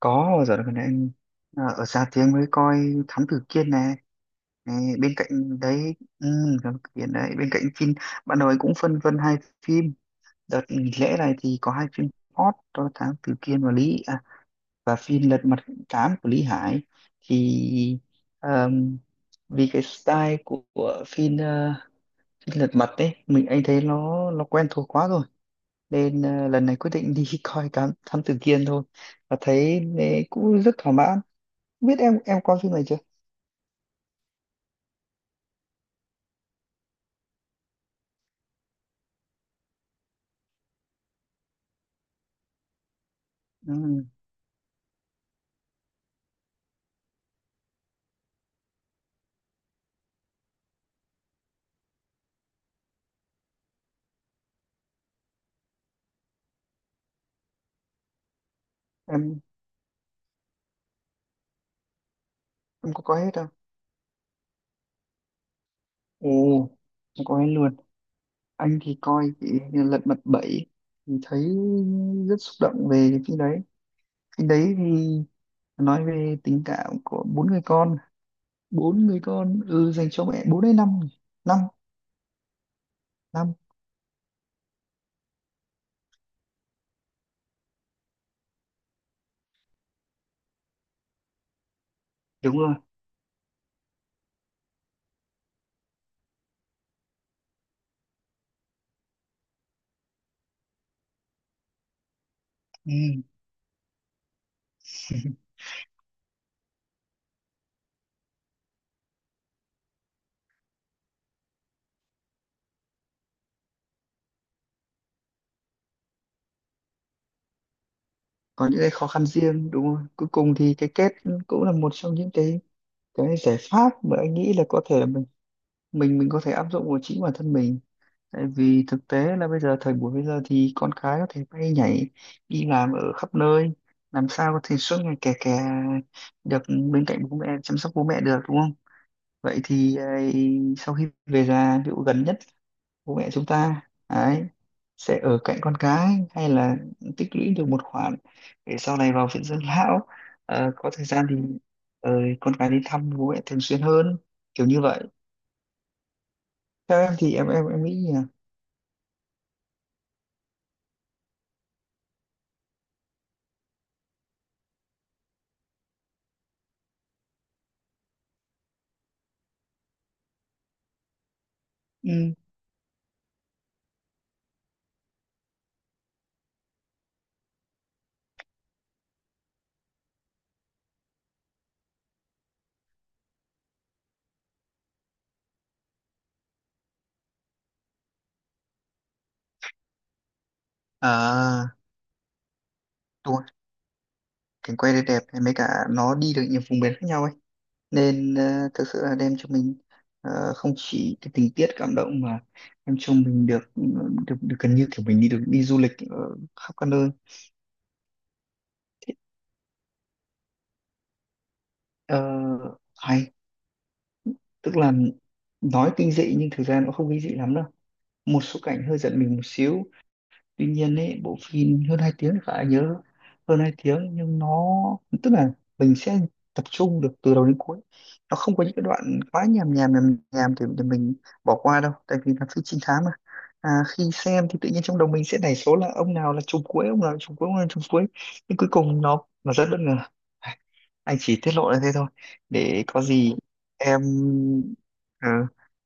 Có bao giờ gần đây anh ở xa tiếng mới coi Thám Tử Kiên nè. Nè, bên cạnh đấy, ừ, Thám Tử Kiên đấy, bên cạnh phim ban đầu anh cũng phân vân hai phim. Đợt nghỉ lễ này thì có hai phim hot đó: Thám Tử Kiên và Lý à, và phim Lật Mặt Tám của Lý Hải. Thì ờm, vì cái style của phim, phim Lật Mặt đấy mình anh thấy nó quen thuộc quá rồi, nên lần này quyết định đi coi Thám Thám Tử Kiên thôi. Và thấy cũng rất thỏa mãn. Biết em coi phim này chưa? Ừ, em em có coi hết không? Ồ, em coi hết luôn. Anh thì coi thì Lật Mặt Bảy thì thấy rất xúc động về phim đấy. Phim đấy thì nói về tình cảm của bốn người con, bốn người con, ừ, dành cho mẹ. Bốn hay năm nhỉ? Năm năm, đúng rồi. Ừ. Có những cái khó khăn riêng, đúng rồi, cuối cùng thì cái kết cũng là một trong những cái giải pháp mà anh nghĩ là có thể là mình, mình có thể áp dụng vào chính bản thân mình. Tại vì thực tế là bây giờ, thời buổi bây giờ thì con cái có thể bay nhảy đi làm ở khắp nơi, làm sao có thể suốt ngày kè kè được bên cạnh bố mẹ, chăm sóc bố mẹ được, đúng không? Vậy thì ấy, sau khi về già, ví dụ gần nhất, bố mẹ chúng ta ấy sẽ ở cạnh con cái hay là tích lũy được một khoản để sau này vào viện dưỡng lão, có thời gian thì ờ, con cái đi thăm bố mẹ thường xuyên hơn, kiểu như vậy. Theo em thì em, em nghĩ nhỉ? Ừ. À, cảnh quay đây đẹp này, mấy cả nó đi được nhiều vùng miền khác nhau ấy, nên thực sự là đem cho mình không chỉ cái tình tiết cảm động mà đem cho mình được được, được gần như kiểu mình đi được đi du lịch khắp các nơi. Ờ, hay, tức là nói kinh dị nhưng thực ra nó không kinh dị lắm đâu, một số cảnh hơi giận mình một xíu. Tuy nhiên ấy, bộ phim hơn 2 tiếng thì khá nhớ, hơn 2 tiếng nhưng nó, tức là mình sẽ tập trung được từ đầu đến cuối, nó không có những cái đoạn quá nhàm nhàm nhàm nhàm thì mình bỏ qua đâu, tại vì là phim trinh thám mà. À, khi xem thì tự nhiên trong đầu mình sẽ nảy số là ông nào là trùm cuối, ông nào là trùm cuối, ông nào là trùm cuối, nhưng cuối cùng nó rất bất ngờ. À, anh chỉ tiết lộ là thế thôi, để có gì em, ờ,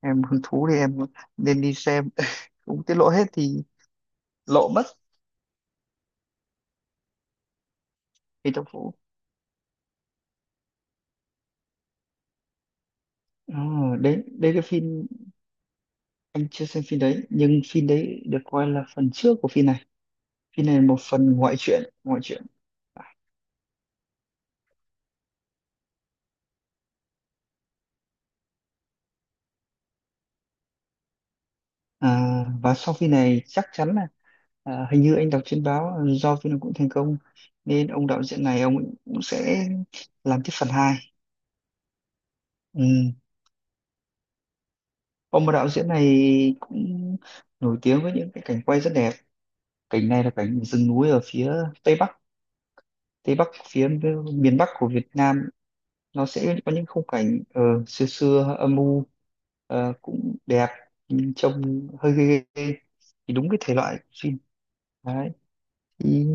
em hứng thú thì em nên đi xem cũng tiết lộ hết thì lộ mất. Phi Tốc Vũ. Ờ, đấy đấy cái phim anh chưa xem phim đấy, nhưng phim đấy được coi là phần trước của phim này. Phim này là một phần ngoại truyện, ngoại truyện. À, và sau phim này chắc chắn là, à, hình như anh đọc trên báo là do phim này cũng thành công, nên ông đạo diễn này ông cũng cũng sẽ làm tiếp phần 2. Ừ. Ông đạo diễn này cũng nổi tiếng với những cái cảnh quay rất đẹp. Cảnh này là cảnh rừng núi ở phía tây bắc, tây bắc phía miền bắc của Việt Nam. Nó sẽ có những khung cảnh xưa xưa âm u, cũng đẹp nhưng trông hơi ghê ghê ghê. Thì đúng cái thể loại phim đấy thì.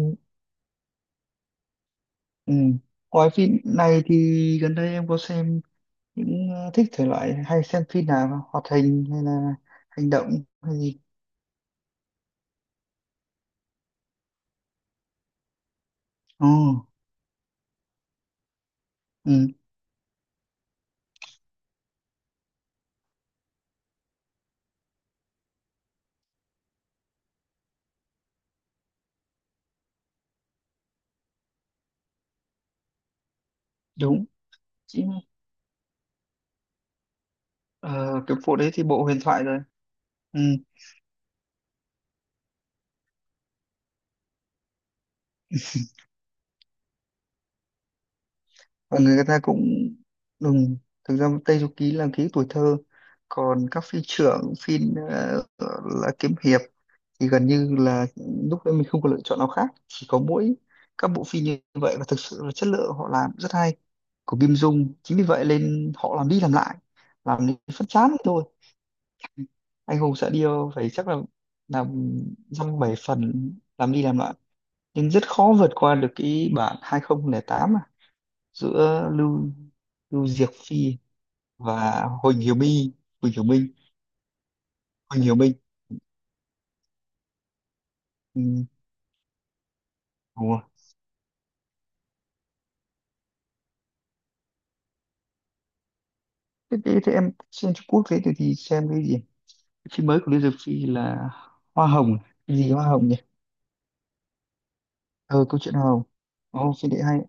Ừ. Ngoài phim này thì gần đây em có xem những, thích thể loại hay xem phim nào không? Hoạt hình hay là hành động hay gì? Ồ, ừ, đúng. Chính- ờ, cái bộ đấy thì bộ huyền thoại rồi. Ừ. Và người ta cũng đúng, thực ra Tây Du Ký là ký tuổi thơ, còn các phi trưởng phi ờ, là kiếm hiệp thì gần như là lúc đấy mình không có lựa chọn nào khác, chỉ có mỗi các bộ phim như vậy, và thực sự là chất lượng họ làm rất hay, của Kim Dung, chính vì vậy nên họ làm đi làm lại, làm đến phát chán ấy thôi. Anh Hùng Sẽ Điêu phải chắc là làm dăm bảy phần, làm đi làm lại, nhưng rất khó vượt qua được cái bản 2008 giữa Lưu Lưu Diệc Phi và Huỳnh Hiểu My, Huỳnh Hiểu Minh, Huỳnh Hiểu Minh. Ừ, đúng rồi. Thế em xem Trung Quốc thế thì xem cái gì? Cái phim mới của Lưu Diệc Phi là Hoa Hồng, cái gì Hoa Hồng nhỉ? Ờ, câu chuyện Hoa Hồng. Ồ phim đấy hay.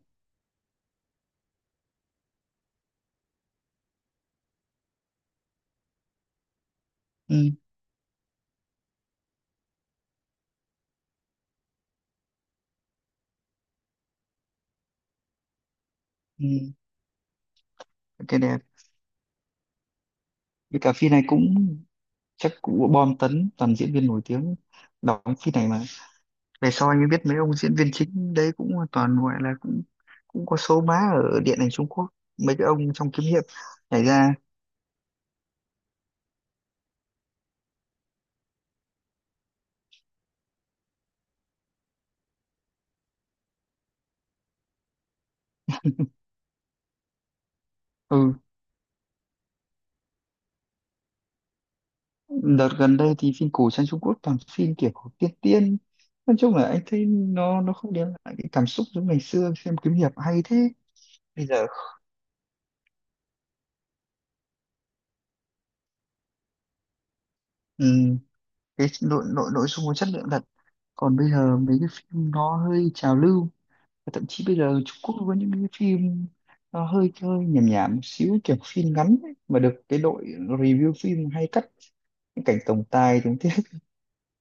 Ừ, ừ, cái đẹp, với cả phim này cũng chắc cũng bom tấn, toàn diễn viên nổi tiếng đóng phim này mà. Về sau anh mới biết mấy ông diễn viên chính đấy cũng toàn gọi là cũng cũng có số má ở điện ảnh Trung Quốc, mấy cái ông trong kiếm hiệp nhảy ra. Ừ, đợt gần đây thì phim cổ trang Trung Quốc toàn phim kiểu tiên tiên, nói chung là anh thấy nó không đem lại cái cảm xúc giống ngày xưa xem kiếm hiệp hay thế bây giờ. Ừ, cái nội nội nội dung có chất lượng thật, còn bây giờ mấy cái phim nó hơi trào lưu. Và thậm chí bây giờ Trung Quốc có những cái phim nó hơi hơi nhảm nhảm một xíu, kiểu phim ngắn ấy, mà được cái đội review phim hay cắt những cảnh tổng tài tình tiết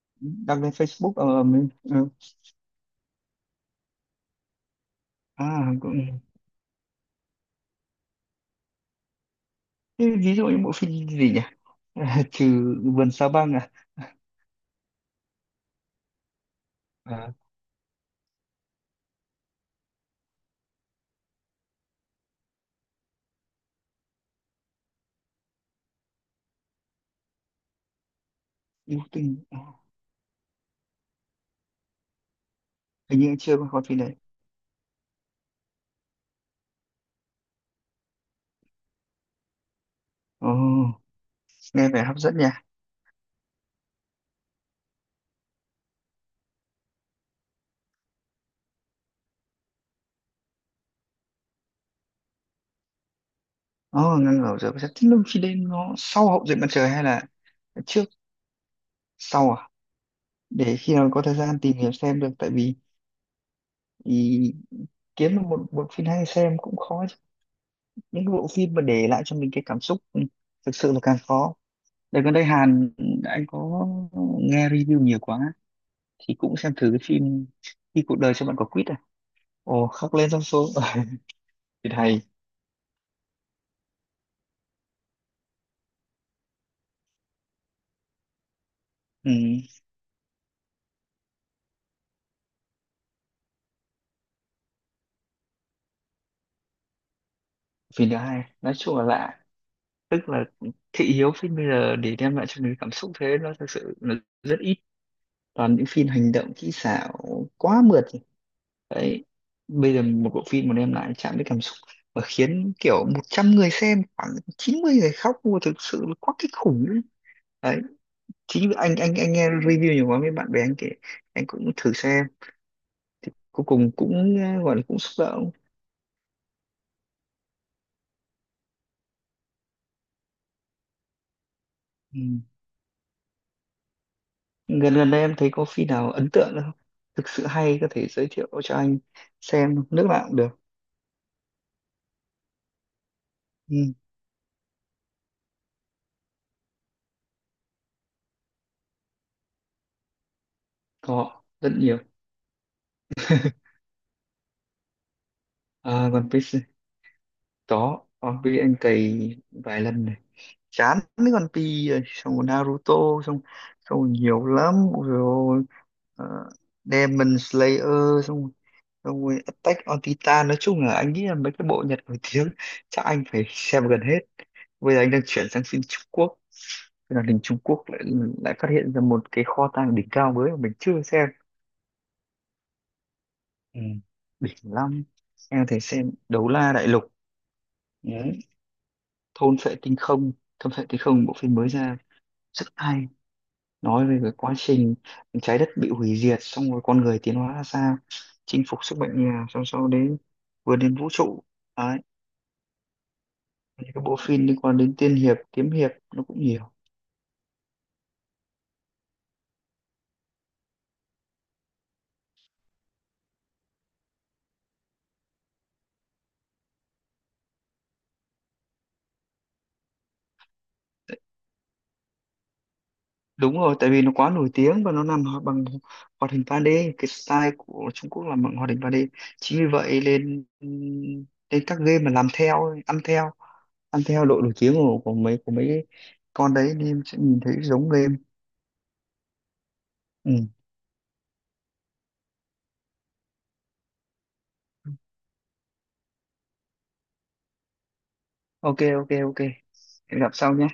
đăng lên Facebook mình ờ. À cũng thế, ví dụ như bộ phim gì nhỉ? À, trừ vườn sao băng à, à yêu tinh à, hình như chưa có coi phim đấy. Ồ, nghe vẻ hấp dẫn nhỉ. Ồ, ngăn ngửa rồi, thế lúc khi đến nó sau hậu duệ mặt trời hay là trước? Sau à? Để khi nào có thời gian tìm hiểu xem được, tại vì thì kiếm được một bộ phim hay xem cũng khó chứ. Những cái bộ phim mà để lại cho mình cái cảm xúc, ừ, thực sự là càng khó. Đợt gần đây Hàn, anh có nghe review nhiều quá thì cũng xem thử cái phim khi cuộc đời cho bạn quả quýt à. Ồ, khóc lên trong số. Phim hay. Ừ, phim thứ hai nói chung là lạ, tức là thị hiếu phim bây giờ để đem lại cho mình cảm xúc thế nó thực sự là rất ít, toàn những phim hành động kỹ xảo quá mượt đấy. Bây giờ một bộ phim mà đem lại chạm đến cảm xúc và khiến kiểu 100 người xem khoảng 90 người khóc mua thực sự là quá kinh khủng ấy. Đấy, chính vì anh nghe review nhiều quá, mấy bạn bè anh kể, anh cũng thử xem, cuối cùng cũng gọi là cũng xúc động. Ừ. gần gần đây em thấy có phim nào ấn tượng không, thực sự hay, có thể giới thiệu cho anh xem không? Nước nào cũng được. Ừ, có rất nhiều. À, còn phim có, còn vì anh cày vài lần này chán mấy con Pi rồi, xong rồi Naruto, xong, xong rồi nhiều lắm. Ôi dồi ôi, ờ, Demon Slayer, xong rồi- xong rồi Attack on Titan, nói chung là anh nghĩ là mấy cái bộ Nhật nổi tiếng chắc anh phải xem gần hết. Bây giờ anh đang chuyển sang phim Trung Quốc, thế là đình Trung Quốc lại, lại phát hiện ra một cái kho tàng đỉnh cao mới mà mình chưa xem. Ừ. Đỉnh lắm. Em có thể xem Đấu La Đại Lục. Ừ. Thôn Phệ Tinh Không, Thôn Phệ Tinh Không bộ phim mới ra rất hay, nói về cái quá trình trái đất bị hủy diệt, xong rồi con người tiến hóa ra sao, chinh phục sức mạnh nhà, xong sau đến vươn đến vũ trụ, đấy, những cái bộ phim liên quan đến tiên hiệp kiếm hiệp nó cũng nhiều. Đúng rồi, tại vì nó quá nổi tiếng và nó làm ho- bằng hoạt hình 3D, cái style của Trung Quốc làm bằng hoạt hình 3D, chính vì vậy lên, lên các game mà làm theo ăn theo, ăn theo độ nổi tiếng của mấy của mấy cái con đấy, nên em sẽ nhìn thấy giống game. Ừ. Ok, ok, ok. Hẹn gặp sau nhé.